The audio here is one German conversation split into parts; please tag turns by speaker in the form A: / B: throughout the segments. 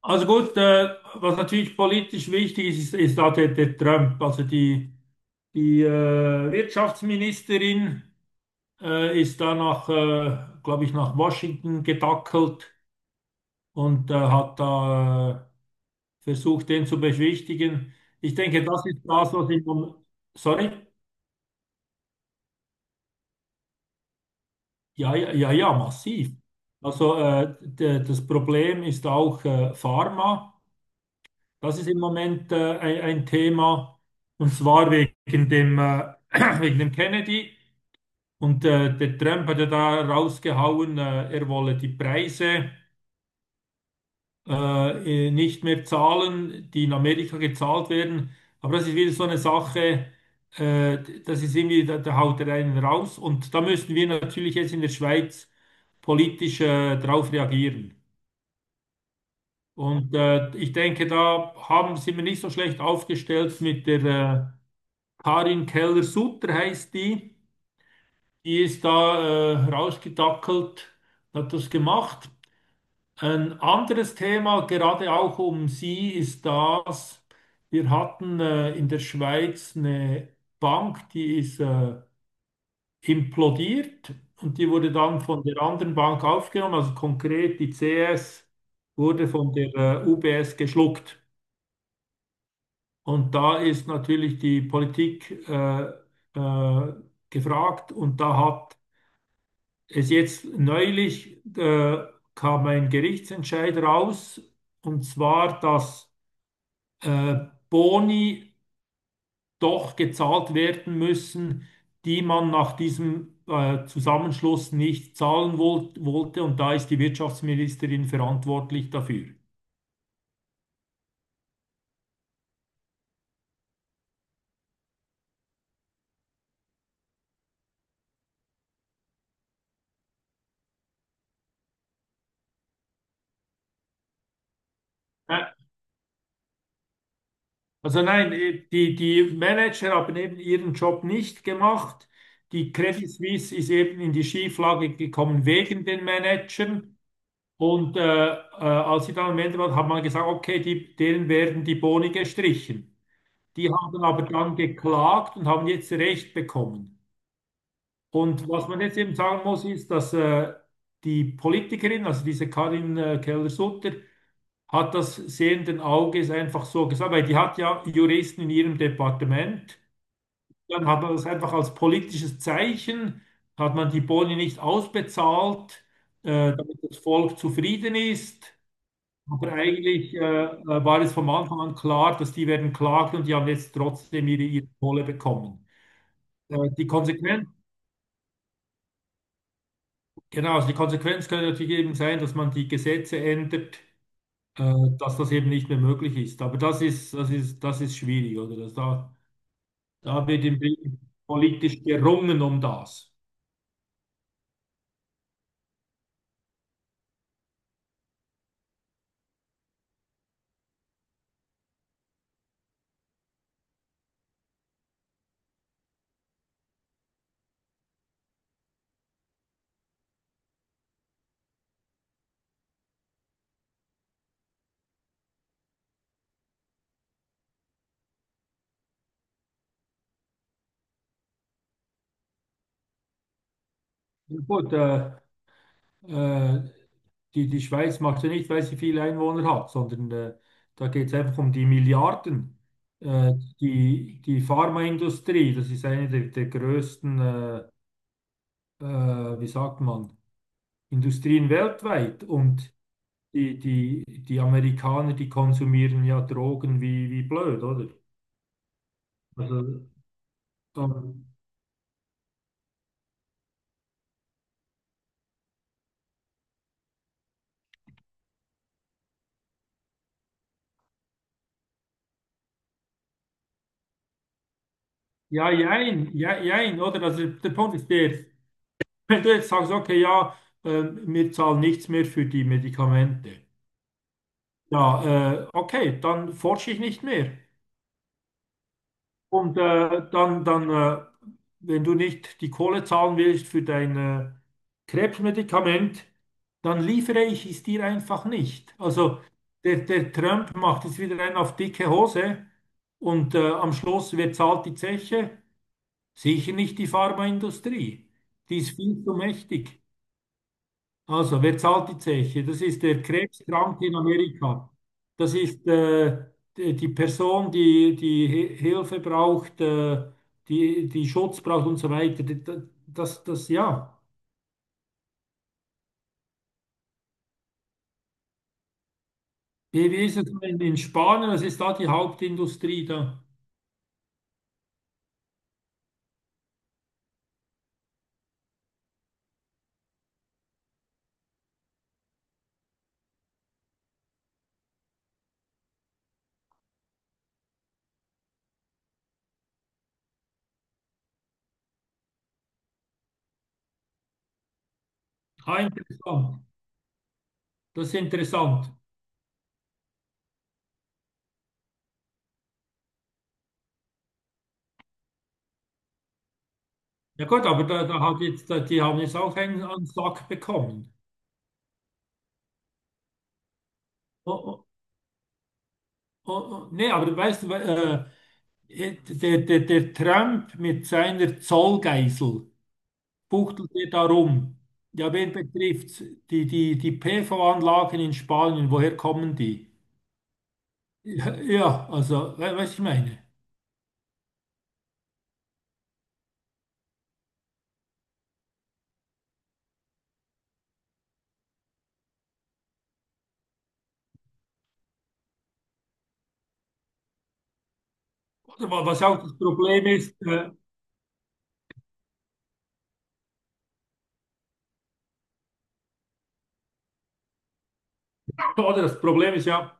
A: Also gut, was natürlich politisch wichtig ist, ist da der Trump. Also die Wirtschaftsministerin ist da glaube ich, nach Washington gedackelt und hat da versucht, den zu beschwichtigen. Ich denke, das ist das, was ich... Sorry? Ja, ja, ja, ja, massiv. Also das Problem ist auch Pharma. Das ist im Moment ein Thema, und zwar wegen dem wegen dem Kennedy. Und der Trump hat ja da rausgehauen, er wolle die Preise nicht mehr zahlen, die in Amerika gezahlt werden. Aber das ist wieder so eine Sache, äh, das ist irgendwie, da haut er einen raus. Und da müssen wir natürlich jetzt in der Schweiz politisch darauf reagieren. Und ich denke, sind wir nicht so schlecht aufgestellt mit der... Äh, Karin Keller-Sutter heißt die. Die ist da rausgedackelt, hat das gemacht. Ein anderes Thema, gerade auch um sie, ist das, wir hatten in der Schweiz eine Bank, die ist implodiert und die wurde dann von der anderen Bank aufgenommen, also konkret die CS wurde von der UBS geschluckt. Und da ist natürlich die Politik äh, gefragt, und da hat es jetzt neulich kam ein Gerichtsentscheid raus, und zwar, dass äh, Boni doch gezahlt werden müssen, die man nach diesem Zusammenschluss nicht zahlen wollte. Und da ist die Wirtschaftsministerin verantwortlich dafür. Äh, Also nein, die Manager haben eben ihren Job nicht gemacht. Die Credit Suisse ist eben in die Schieflage gekommen wegen den Managern. Und als sie dann am Ende waren, hat man gesagt, okay, die, denen werden die Boni gestrichen. Die haben aber dann geklagt und haben jetzt Recht bekommen. Und was man jetzt eben sagen muss, ist, dass die Politikerin, also diese Karin Keller-Sutter, hat das sehenden Auges einfach so gesagt, weil die hat ja Juristen in ihrem Departement. Dann hat man das einfach als politisches Zeichen, hat man die Boni nicht ausbezahlt, damit das Volk zufrieden ist. Aber eigentlich war es vom Anfang an klar, dass die werden klagen und die haben jetzt trotzdem ihre Kohle bekommen. Äh, die Konsequenz, genau, also die Konsequenz könnte natürlich eben sein, dass man die Gesetze ändert, äh, dass das eben nicht mehr möglich ist. Aber das ist, das ist, das ist schwierig, oder? Da wird im Prinzip politisch gerungen um das. Ja, gut, äh, die, die Schweiz macht ja nicht, weil sie viele Einwohner hat, sondern da geht es einfach um die Milliarden. Äh, die Pharmaindustrie, das ist eine der größten, wie sagt man, Industrien weltweit. Und die Amerikaner, die konsumieren ja Drogen wie blöd, oder? Also, ähm, ja, jein, oder? Also der Punkt ist der, wenn du jetzt sagst, okay, ja, wir zahlen nichts mehr für die Medikamente. Ja, okay, dann forsche ich nicht mehr. Und dann, dann wenn du nicht die Kohle zahlen willst für dein Krebsmedikament, dann liefere ich es dir einfach nicht. Also der Trump macht jetzt wieder einen auf dicke Hose und am Schluss, wer zahlt die Zeche? Sicher nicht die Pharmaindustrie. Die ist viel zu mächtig. Also, wer zahlt die Zeche? Das ist der Krebskranke in Amerika. Das ist die Person, die Hilfe braucht, die Schutz braucht und so weiter. Ja. Wie ist es in Spanien? Was ist da die Hauptindustrie da? Ah, interessant. Das ist interessant. Ja gut, aber da, da hat jetzt, da, die haben jetzt auch einen Sack bekommen. Oh, oh, oh, oh. Nee, aber weißt du, der Trump mit seiner Zollgeisel buchtelt er darum. Ja, wen betrifft's? Die PV-Anlagen in Spanien, woher kommen die? Ja, ja, also, weißt du, ich meine. Oder was auch das Problem ist, oder das Problem ist ja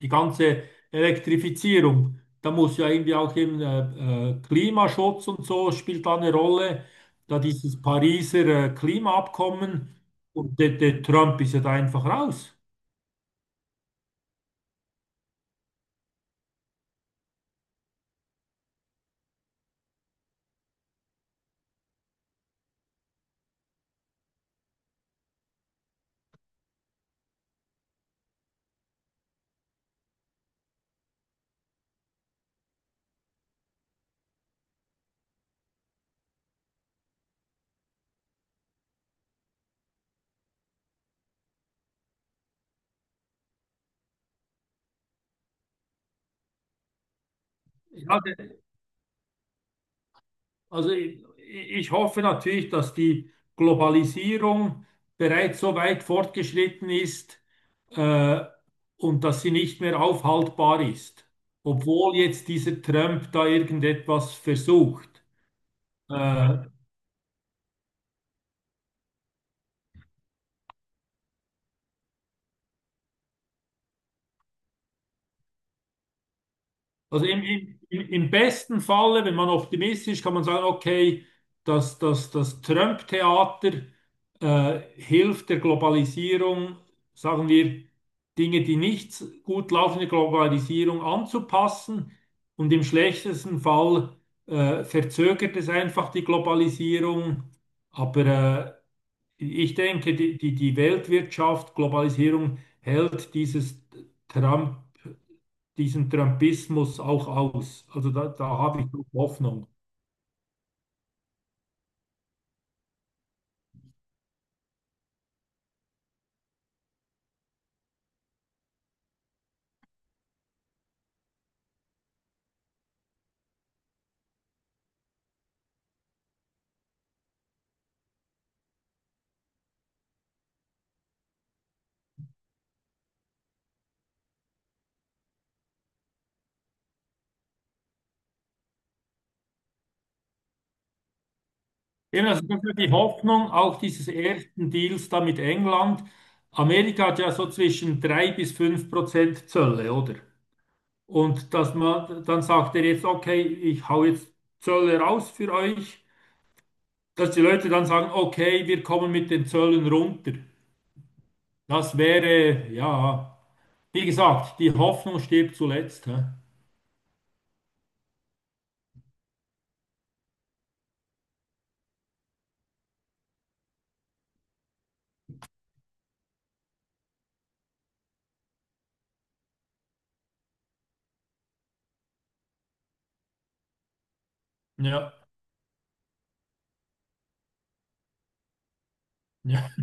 A: die ganze Elektrifizierung. Da muss ja irgendwie auch eben, Klimaschutz und so spielt da eine Rolle. Da dieses Pariser Klimaabkommen, und der Trump ist ja da einfach raus. Ja, de- also ich hoffe natürlich, dass die Globalisierung bereits so weit fortgeschritten ist, äh, und dass sie nicht mehr aufhaltbar ist, obwohl jetzt dieser Trump da irgendetwas versucht. Äh, Also im besten Falle, wenn man optimistisch, kann man sagen, okay, das Trump-Theater hilft der Globalisierung, sagen wir, Dinge, die nicht gut laufen, der Globalisierung anzupassen. Und im schlechtesten Fall verzögert es einfach die Globalisierung. Aber ich denke, die Weltwirtschaft, Globalisierung hält dieses Trump diesen Trumpismus auch aus. Also da, da habe ich doch Hoffnung. Eben, also das war die Hoffnung auch dieses ersten Deals da mit England. Amerika hat ja so zwischen 3 bis 5% Zölle, oder? Und dass man, dann sagt er jetzt, okay, ich hau jetzt Zölle raus für euch, dass die Leute dann sagen, okay, wir kommen mit den Zöllen runter. Das wäre, ja, wie gesagt, die Hoffnung stirbt zuletzt. Hä? Ja, ja.